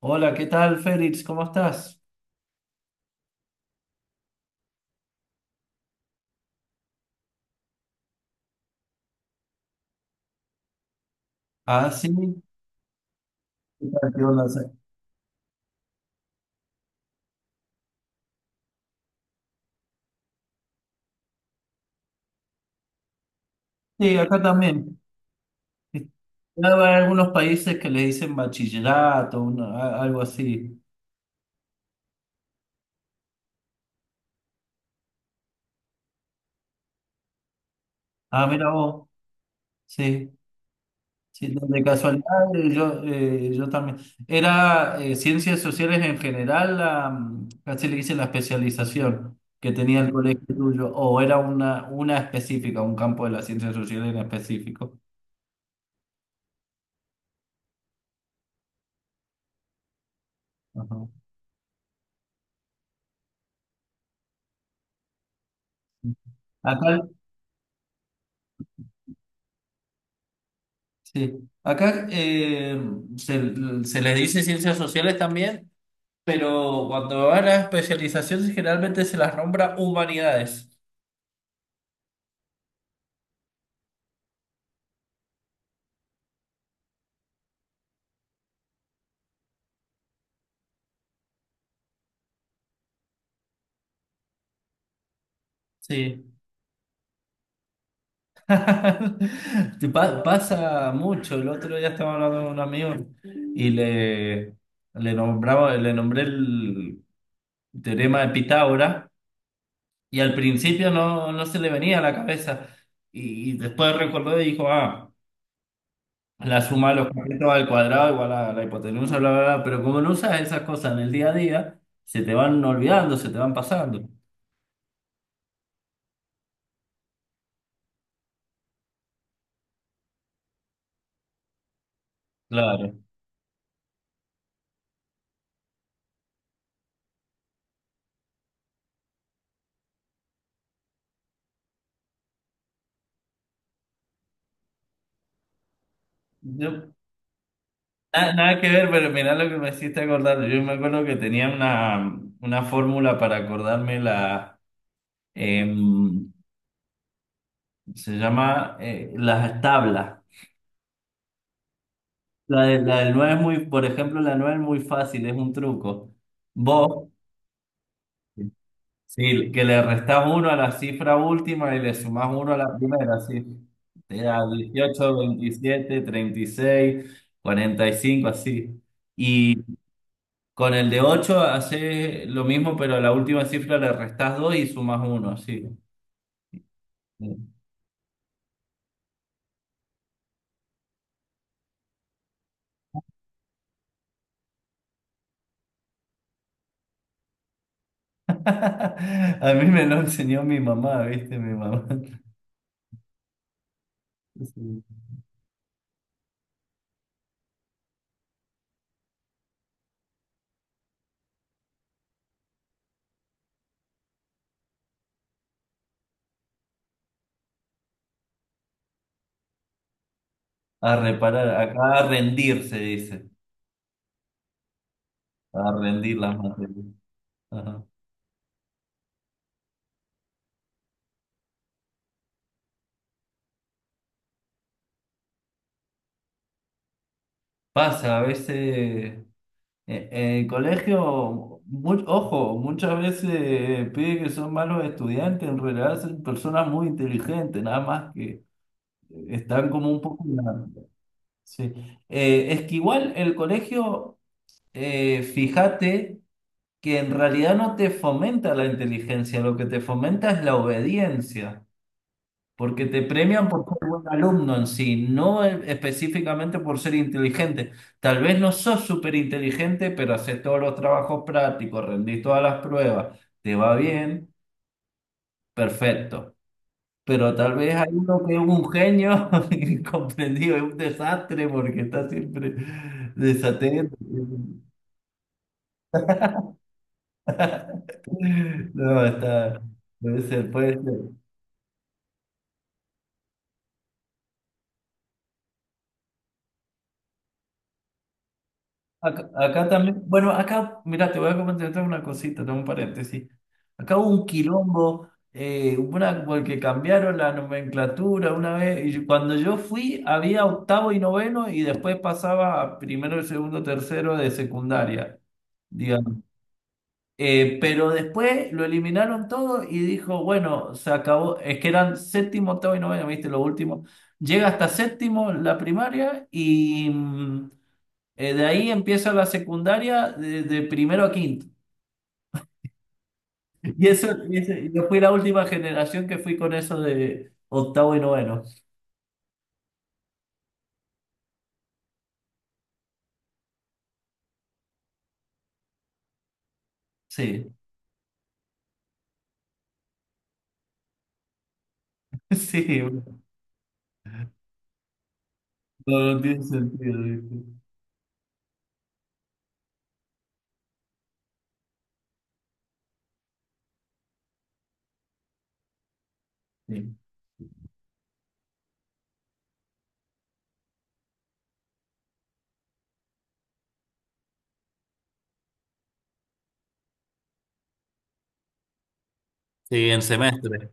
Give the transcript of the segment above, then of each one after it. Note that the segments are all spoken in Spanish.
Hola, ¿qué tal, Félix? ¿Cómo estás? Ah, sí. ¿Qué tal? ¿Qué onda? Sí, acá también. Claro, hay algunos países que le dicen bachillerato, algo así. Ah, mira vos. Sí, sí, de casualidad yo, yo también. Era ciencias sociales en general, la, casi le dicen la especialización que tenía el colegio tuyo, o era una específica, un campo de las ciencias sociales en específico. Ajá. Acá sí, acá, se, se les dice ciencias sociales también, pero cuando van a especializaciones generalmente se las nombra humanidades. Sí. Te pasa mucho. El otro día estaba hablando con un amigo y le nombraba, le nombré el teorema de Pitágoras y al principio no, no se le venía a la cabeza y después recordó y dijo, ah. La suma de los catetos al cuadrado igual a la hipotenusa, bla, bla, bla. Pero como no usas esas cosas en el día a día, se te van olvidando, se te van pasando. Claro. Yo- Nada que ver, pero mirá lo que me hiciste acordar. Yo me acuerdo que tenía una fórmula para acordarme la... em, se llama las tablas. La del 9 es muy, por ejemplo, la 9 es muy fácil, es un truco. Vos... Sí, que le restas uno a la cifra última y le sumas uno a la primera, sí. Te da 18, 27, 36, 45 así. Y con el de 8 haces lo mismo, pero a la última cifra le restas 2 y sumas uno así. A mí me lo enseñó mi mamá, ¿viste? Mi mamá. Sí. A reparar, acá a rendir se dice, a rendir las materias. Ajá. Pasa, a veces en el colegio, ojo, muchas veces pide que son malos estudiantes, en realidad son personas muy inteligentes, nada más que están como un poco... Sí. Es que igual el colegio, fíjate que en realidad no te fomenta la inteligencia, lo que te fomenta es la obediencia. Porque te premian por ser buen alumno en sí, no específicamente por ser inteligente. Tal vez no sos súper inteligente, pero haces todos los trabajos prácticos, rendís todas las pruebas, te va bien, perfecto. Pero tal vez hay uno que es un genio incomprendido, es un desastre porque está siempre desatento. No, está, puede ser, puede ser. Acá, acá también, bueno, acá, mira, te voy a comentar otra una cosita, tengo un paréntesis. Acá hubo un quilombo, una, porque cambiaron la nomenclatura una vez, cuando yo fui había octavo y noveno, y después pasaba a primero, segundo, tercero de secundaria, digamos. Pero después lo eliminaron todo y dijo, bueno, se acabó, es que eran séptimo, octavo y noveno, viste, lo último. Llega hasta séptimo la primaria y... de ahí empieza la secundaria de primero a quinto. Y eso, y yo fui la última generación que fui con eso de octavo y noveno. Sí, sí, no, no tiene sentido. ¿Viste? Sí. Sí, en semestre.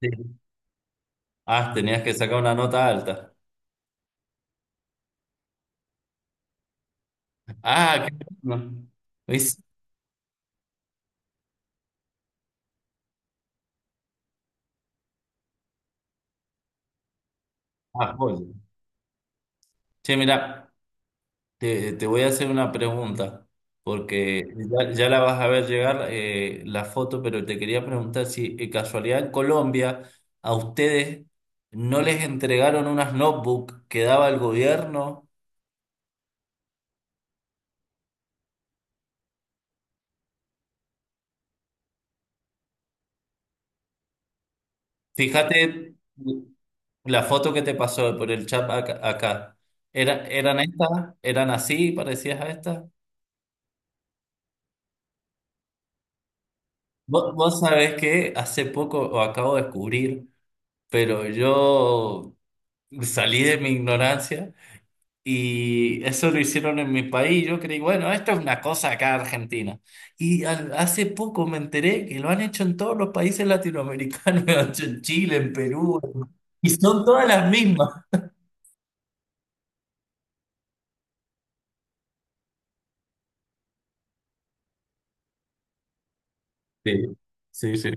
Sí. Ah, tenías que sacar una nota alta. Ah, qué bueno. ¿Ves? Ah, joya. Che, mirá. Te voy a hacer una pregunta, porque ya, ya la vas a ver llegar la foto, pero te quería preguntar si casualidad en Colombia a ustedes no les entregaron unas notebooks que daba el gobierno. Fíjate la foto que te pasó por el chat acá. Acá. ¿Eran estas? ¿Eran así, parecidas a estas? Vos, vos sabés que hace poco, o acabo de descubrir, pero yo salí de mi ignorancia. Y eso lo hicieron en mi país. Yo creí, bueno, esto es una cosa acá de Argentina. Hace poco me enteré que lo han hecho en todos los países latinoamericanos, lo han hecho en Chile, en Perú, y son todas las mismas. Sí, sí, sí.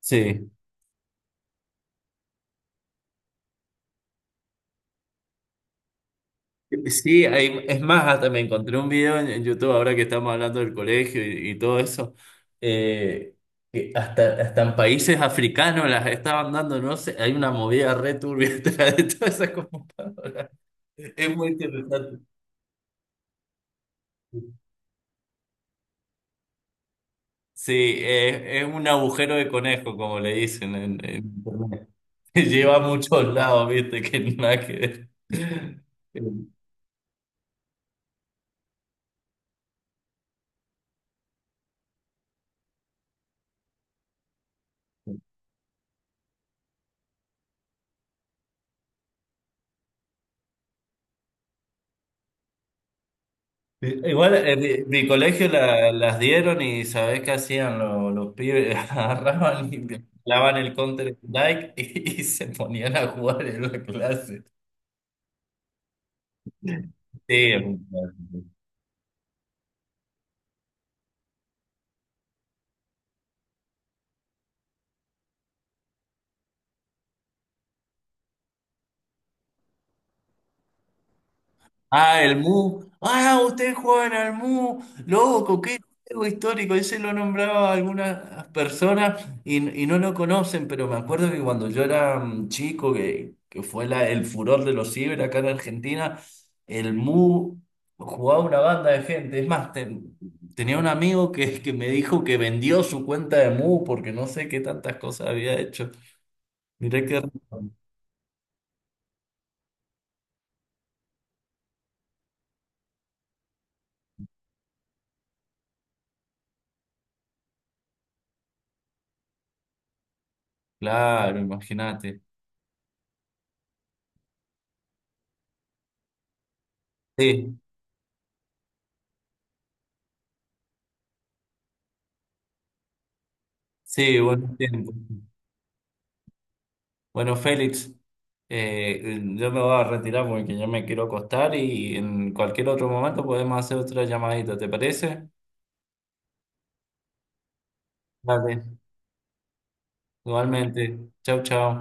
Sí, sí, es más, hasta me encontré un video en YouTube ahora que estamos hablando del colegio y todo eso. Eh, que hasta, hasta en países africanos las estaban dando, no sé, hay una movida re turbia detrás de todas esas computadoras. Es muy interesante. Sí, es un agujero de conejo, como le dicen en internet. Lleva a muchos lados, viste, que nada que ver. Igual en mi, mi colegio las dieron y ¿sabés qué hacían los pibes? Agarraban y clavaban el Counter Strike y se ponían a jugar en la clase. Sí, es un clásico. Ah, el Mu. Ah, ustedes juegan al Mu. Loco, qué juego histórico. Ese lo nombraba algunas personas y no lo conocen, pero me acuerdo que cuando yo era chico, que fue el furor de los ciber acá en Argentina, el Mu jugaba una banda de gente. Es más, tenía un amigo que me dijo que vendió su cuenta de Mu porque no sé qué tantas cosas había hecho. Mirá qué... raro. Claro, imagínate. Sí, sí, buen tiempo. Bueno, Félix, eh, yo me voy a retirar porque ya me quiero acostar y en cualquier otro momento podemos hacer otra llamadita, ¿te parece? Vale. Igualmente. Chau, chau.